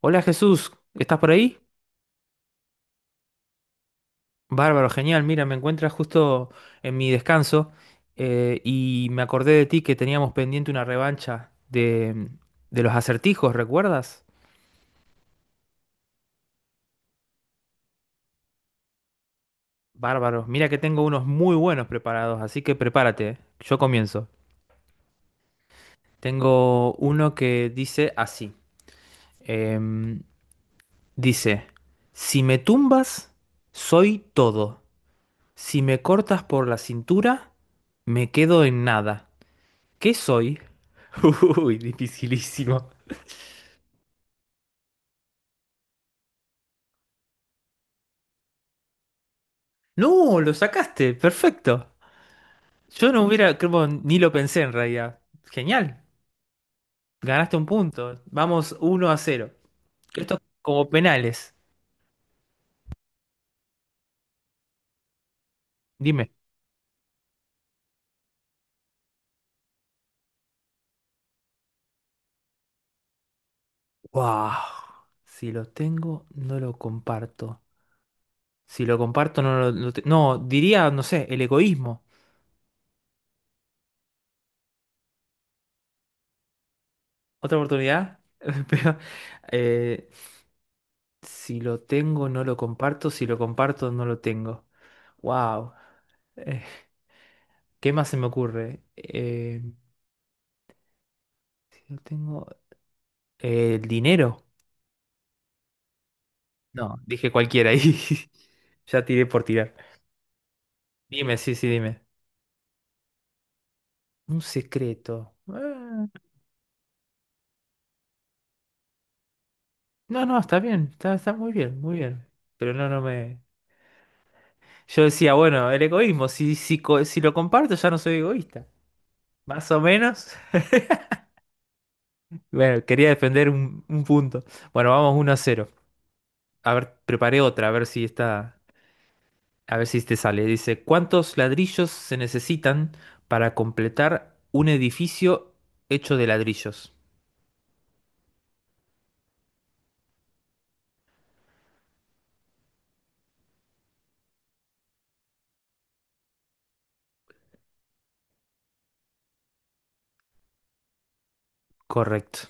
Hola Jesús, ¿estás por ahí? Bárbaro, genial. Mira, me encuentras justo en mi descanso y me acordé de ti que teníamos pendiente una revancha de los acertijos, ¿recuerdas? Bárbaro, mira que tengo unos muy buenos preparados, así que prepárate. Yo comienzo. Tengo uno que dice así. em, Dice: si me tumbas, soy todo. Si me cortas por la cintura, me quedo en nada. ¿Qué soy? Uy, dificilísimo. No, lo sacaste, perfecto. Yo no hubiera, creo, ni lo pensé en realidad. Genial, ganaste un punto. Vamos 1-0. Esto es como penales. Dime. Wow. Si lo tengo, no lo comparto. Si lo comparto, no, diría, no sé, el egoísmo. ¿Otra oportunidad? Pero, eh, si lo tengo, no lo comparto. Si lo comparto, no lo tengo. Wow. ¿Qué más se me ocurre? Si no tengo... ¿el dinero? No, dije cualquiera ahí. Ya tiré por tirar. Dime, sí, sí, dime. Un secreto. Ah, no, no, está bien. Está muy bien, muy bien. Pero no, no me... Yo decía, bueno, el egoísmo. Si lo comparto, ya no soy egoísta. Más o menos. Bueno, quería defender un punto. Bueno, vamos 1-0. A ver, preparé otra, a ver si está... A ver si te sale. Dice: ¿cuántos ladrillos se necesitan para completar un edificio hecho de ladrillos? Correcto.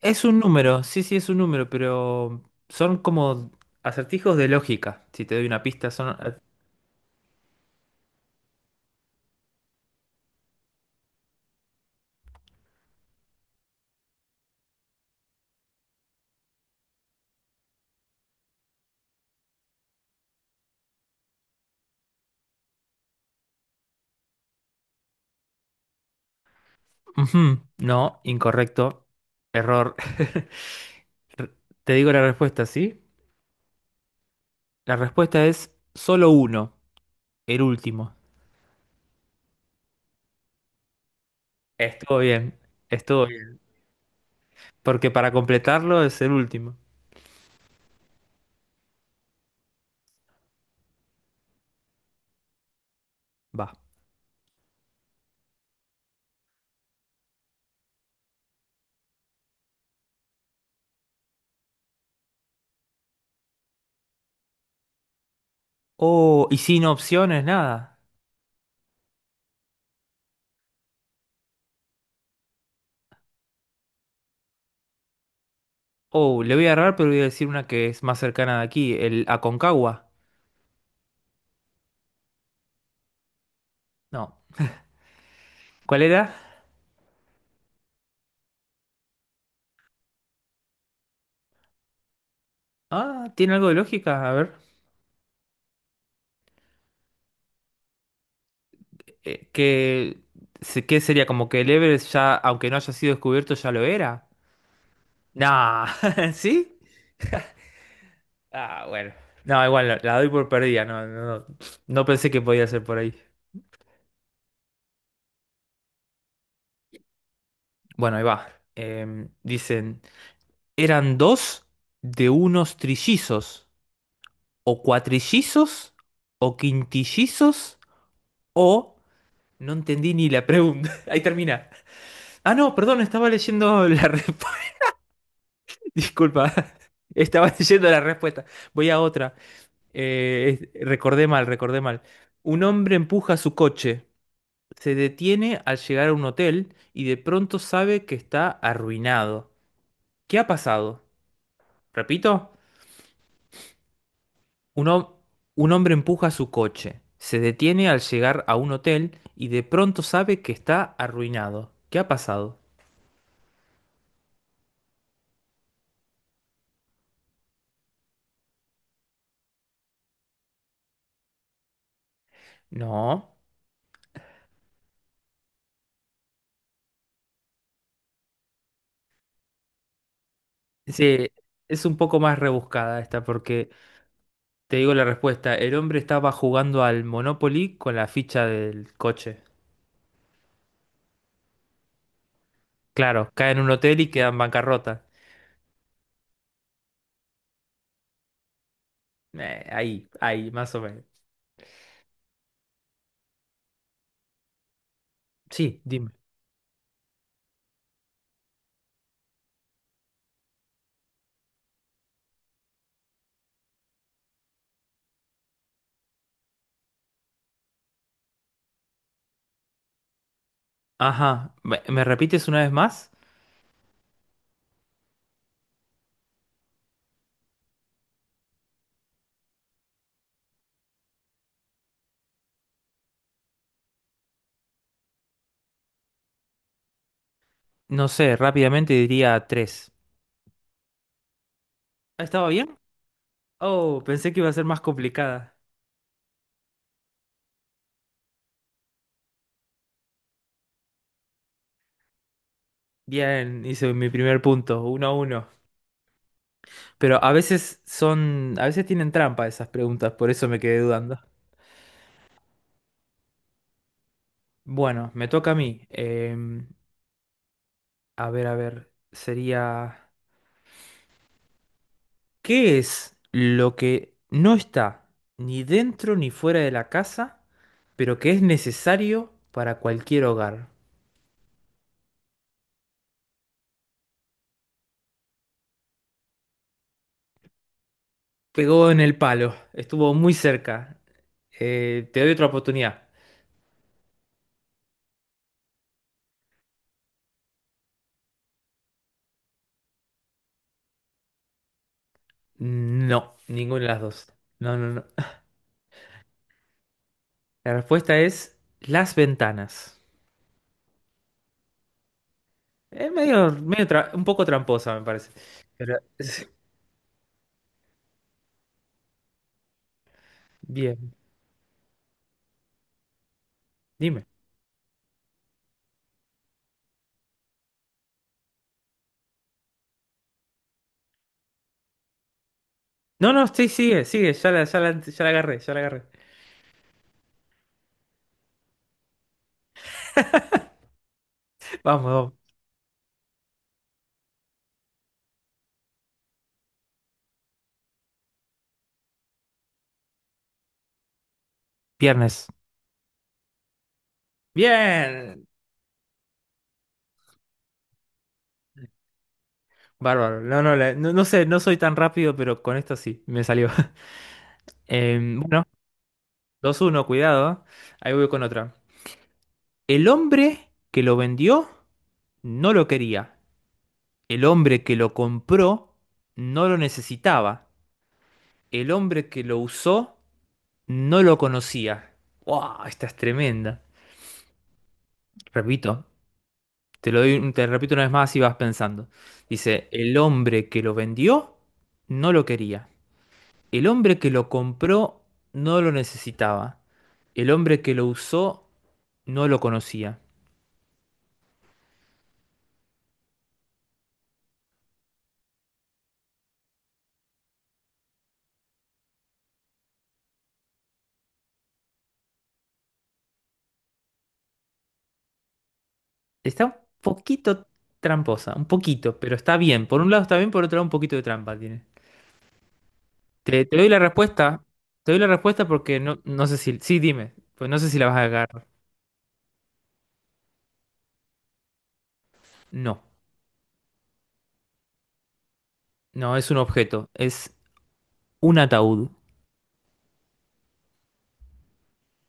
Es un número, sí, sí, es un número, pero son como acertijos de lógica. Si te doy una pista, son... Ujú, no, incorrecto. Error. Te digo la respuesta, ¿sí? La respuesta es solo uno, el último. Estuvo bien, estuvo bien. Porque para completarlo es el último. Va. Oh, y sin opciones, nada. Oh, le voy a errar, pero voy a decir una que es más cercana de aquí, el Aconcagua. No. ¿Cuál era? Ah, tiene algo de lógica, a ver. Eh, que, ¿Qué sería? Como que el Everest ya, aunque no haya sido descubierto, ya lo era. Nah, ¿sí? Ah, bueno. No, igual, la doy por perdida, no, no, no. No pensé que podía ser por ahí. Bueno, ahí va. Dicen: eran dos de unos trillizos, o cuatrillizos, o quintillizos, o... No entendí ni la pregunta. Ahí termina. Ah, no, perdón, estaba leyendo la respuesta. Disculpa. Estaba leyendo la respuesta. Voy a otra. Recordé mal, recordé mal. Un hombre empuja su coche. Se detiene al llegar a un hotel y de pronto sabe que está arruinado. ¿Qué ha pasado? Repito, un, hom- un hombre empuja su coche. Se detiene al llegar a un hotel y de pronto sabe que está arruinado. ¿Qué ha pasado? No. Sí, es un poco más rebuscada esta porque te digo la respuesta. El hombre estaba jugando al Monopoly con la ficha del coche. Claro, cae en un hotel y queda en bancarrota. Ahí, ahí, más o menos. Sí, dime. Ajá, ¿me repites una vez más? No sé, rápidamente diría tres. ¿Ah, estaba bien? Oh, pensé que iba a ser más complicada. Bien, hice mi primer punto, 1-1. Pero a veces tienen trampa esas preguntas, por eso me quedé dudando. Bueno, me toca a mí. A ver, a ver, sería... ¿Qué es lo que no está ni dentro ni fuera de la casa, pero que es necesario para cualquier hogar? Pegó en el palo, estuvo muy cerca. Te doy otra oportunidad. No, ninguna de las dos. No, no, no. La respuesta es las ventanas. Es un poco tramposa, me parece. Pero, bien. No, no, sí, sigue, sigue, ya la agarré, ya la agarré. Vamos, vamos. Viernes. Bien. Bárbaro. No, no, no, no sé, no soy tan rápido, pero con esto sí, me salió. Bueno, 2-1, cuidado. ¿Eh? Ahí voy con otra. El hombre que lo vendió no lo quería. El hombre que lo compró no lo necesitaba. El hombre que lo usó no lo conocía. ¡Wow! Esta es tremenda. Repito. Te lo doy, te repito una vez más y vas pensando. Dice: el hombre que lo vendió no lo quería. El hombre que lo compró no lo necesitaba. El hombre que lo usó no lo conocía. Está un poquito tramposa, un poquito, pero está bien. Por un lado está bien, por otro lado un poquito de trampa tiene. Te doy la respuesta. Te doy la respuesta porque no, no sé si... Sí, dime. Pues no sé si la vas a agarrar. No, no, es un objeto. Es un ataúd.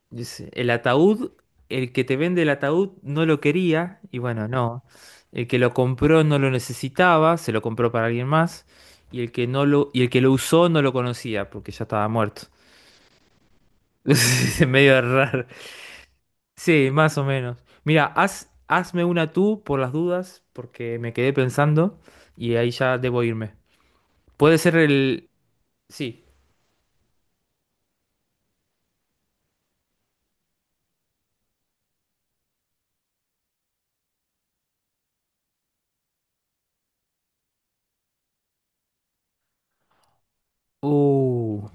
Dice, el ataúd, el que te vende el ataúd no lo quería, y bueno, no. El que lo compró no lo necesitaba, se lo compró para alguien más, y el que no lo, y el que lo usó no lo conocía, porque ya estaba muerto. Es medio raro. Sí, más o menos. Mira, hazme una tú por las dudas, porque me quedé pensando, y ahí ya debo irme. Puede ser el. Sí. Uh.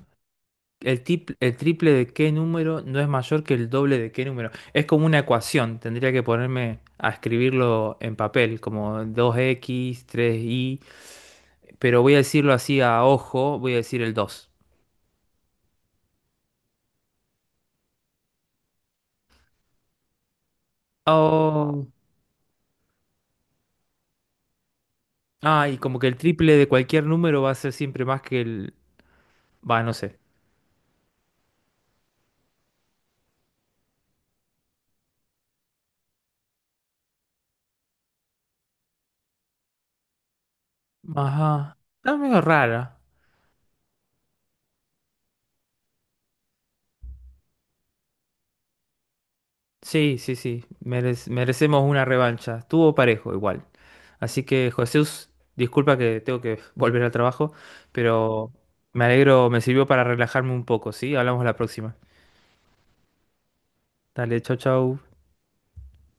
El triple de qué número no es mayor que el doble de qué número. Es como una ecuación. Tendría que ponerme a escribirlo en papel, como dos x tres y. Pero voy a decirlo así a ojo, voy a decir el 2. Oh. Ah, y como que el triple de cualquier número va a ser siempre más que el... Va, no sé. Ajá. Está medio rara. Sí, sí, sí, merecemos una revancha. Estuvo parejo igual. Así que, Jesús, disculpa que tengo que volver al trabajo, pero me alegro, me sirvió para relajarme un poco, ¿sí? Hablamos la próxima. Dale, chau, chau.